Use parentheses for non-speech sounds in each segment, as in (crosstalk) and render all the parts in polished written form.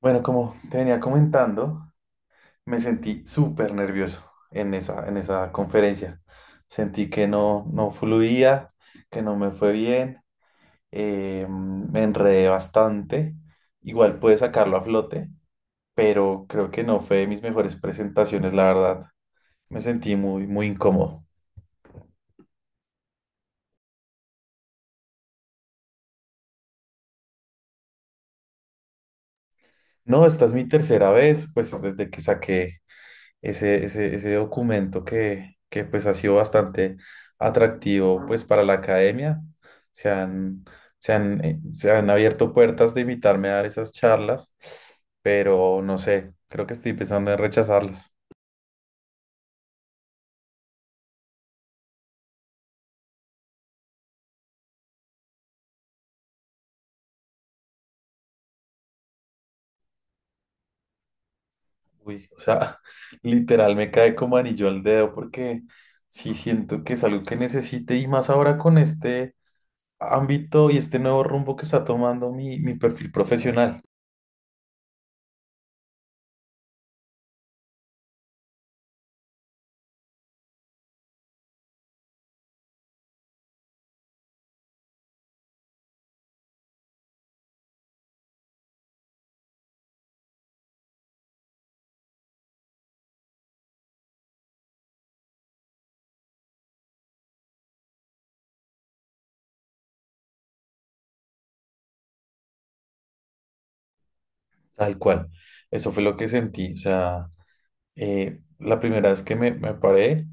Bueno, como te venía comentando, me sentí súper nervioso en esa conferencia. Sentí que no fluía, que no me fue bien, me enredé bastante. Igual pude sacarlo a flote, pero creo que no fue de mis mejores presentaciones, la verdad. Me sentí muy, muy incómodo. No, esta es mi tercera vez, pues desde que saqué ese documento que pues ha sido bastante atractivo pues para la academia. Se han, se han abierto puertas de invitarme a dar esas charlas, pero no sé, creo que estoy pensando en rechazarlas. Uy, o sea, (laughs) literal me cae como anillo al dedo porque sí siento que es algo que necesite y más ahora con este ámbito y este nuevo rumbo que está tomando mi perfil profesional, tal cual. Eso fue lo que sentí, o sea, la primera vez que me paré,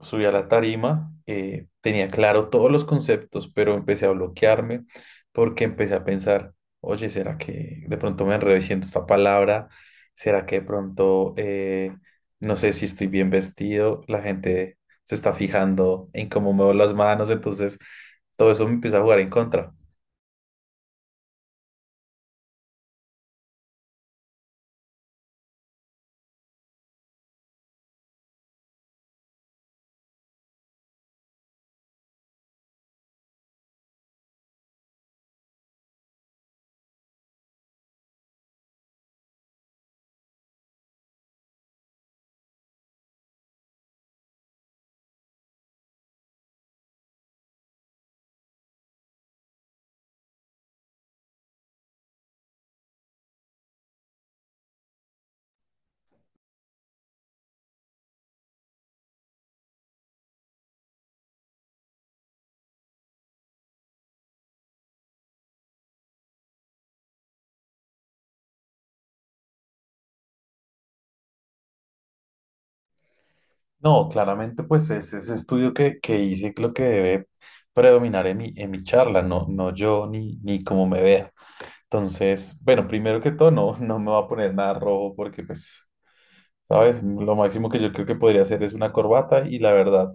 subí a la tarima, tenía claro todos los conceptos, pero empecé a bloquearme porque empecé a pensar, oye, ¿será que de pronto me enredo diciendo esta palabra? ¿Será que de pronto, no sé si estoy bien vestido? La gente se está fijando en cómo muevo las manos, entonces todo eso me empieza a jugar en contra. No, claramente, pues es ese estudio que hice lo que debe predominar en mi charla, no, no yo ni cómo me vea. Entonces, bueno, primero que todo, no me va a poner nada rojo porque, pues, ¿sabes? Lo máximo que yo creo que podría hacer es una corbata y la verdad,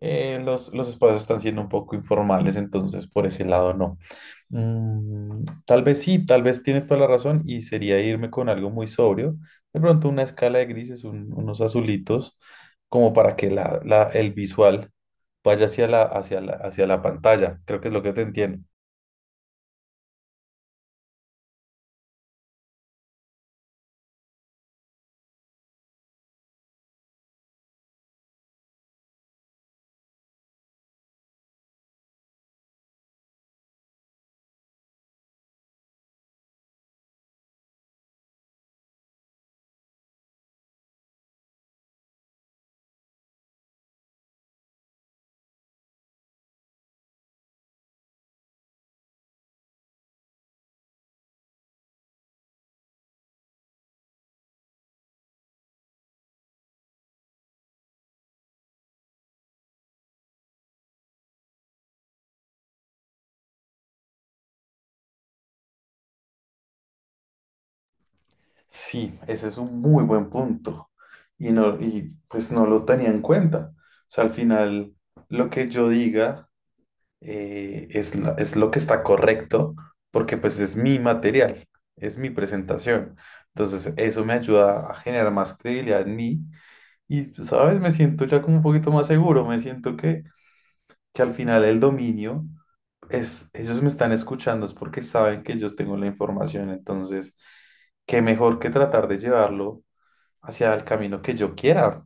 los espacios están siendo un poco informales, entonces por ese lado no. Mm, tal vez sí, tal vez tienes toda la razón y sería irme con algo muy sobrio. De pronto una escala de grises, unos azulitos, como para que el visual vaya hacia la pantalla. Creo que es lo que te entiendo. Sí, ese es un muy buen punto. Y, no, y pues no lo tenía en cuenta. O sea, al final, lo que yo diga es lo que está correcto porque pues es mi material, es mi presentación. Entonces eso me ayuda a generar más credibilidad en mí y, pues, ¿sabes? Me siento ya como un poquito más seguro, me siento que al final el dominio es, ellos me están escuchando, es porque saben que yo tengo la información, entonces, qué mejor que tratar de llevarlo hacia el camino que yo quiera.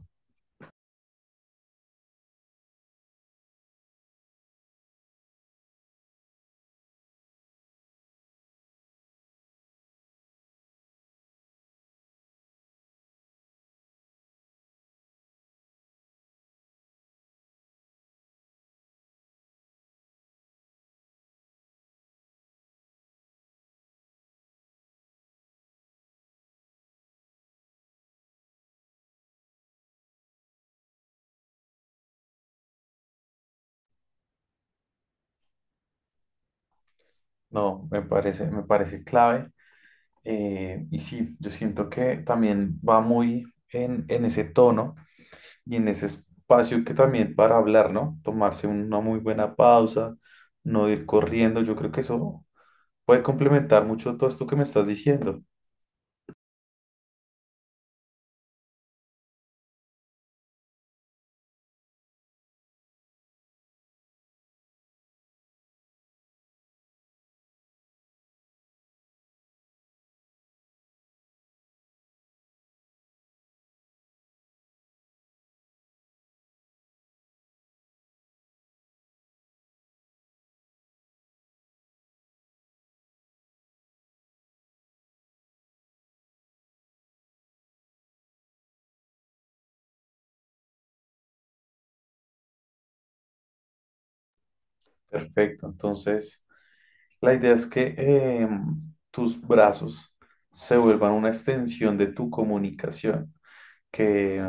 No, me parece clave. Y sí, yo siento que también va muy en ese tono y en ese espacio que también para hablar, ¿no? Tomarse una muy buena pausa, no ir corriendo, yo creo que eso puede complementar mucho todo esto que me estás diciendo. Perfecto, entonces la idea es que tus brazos se vuelvan una extensión de tu comunicación, que,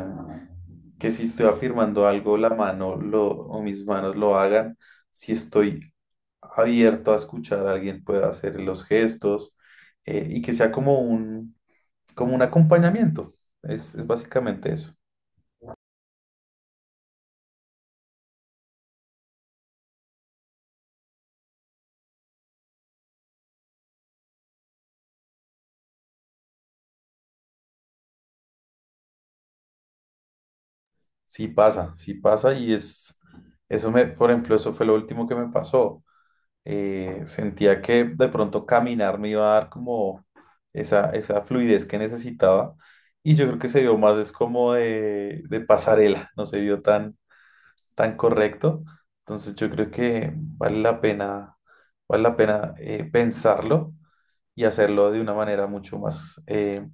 que si estoy afirmando algo, la mano lo, o mis manos lo hagan si estoy abierto a escuchar a alguien pueda hacer los gestos y que sea como un acompañamiento. Es básicamente eso. Sí pasa y es, eso me, por ejemplo, eso fue lo último que me pasó. Sentía que de pronto caminar me iba a dar como esa fluidez que necesitaba y yo creo que se vio más es como de pasarela, no se vio tan tan correcto. Entonces yo creo que vale la pena pensarlo y hacerlo de una manera mucho más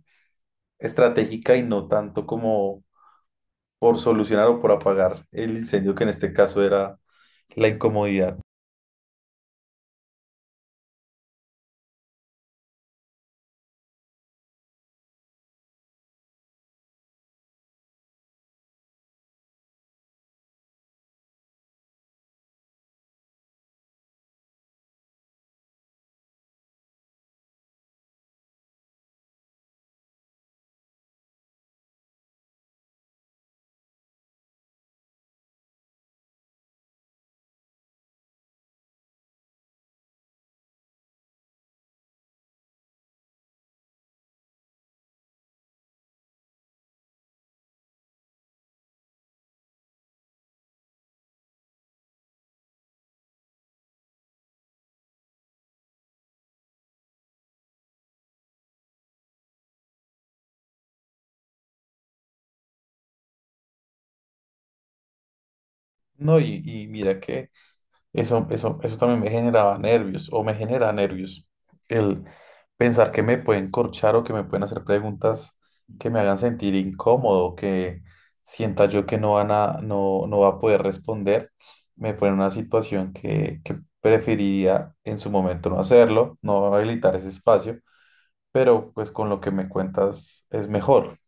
estratégica y no tanto como por solucionar o por apagar el incendio, que en este caso era la incomodidad. No, y mira que eso también me generaba nervios o me genera nervios. El pensar que me pueden corchar o que me pueden hacer preguntas que me hagan sentir incómodo, que sienta yo que no van a, no, no va a poder responder, me pone en una situación que preferiría en su momento no hacerlo, no habilitar ese espacio, pero pues con lo que me cuentas es mejor.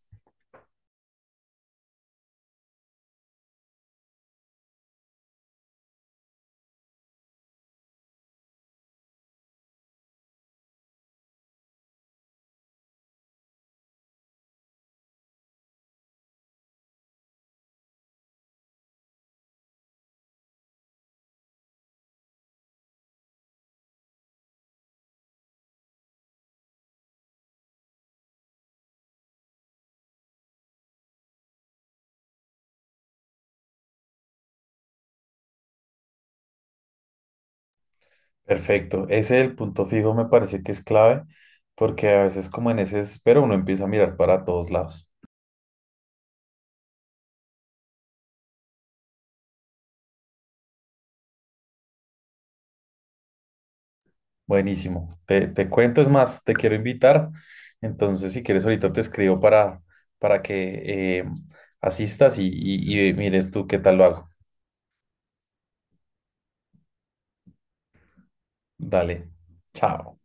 Perfecto. Ese el punto fijo me parece que es clave porque a veces como en ese espero uno empieza a mirar para todos lados. Buenísimo. Te cuento, es más, te quiero invitar. Entonces, si quieres, ahorita te escribo para que asistas y mires tú qué tal lo hago. Dale. Chao.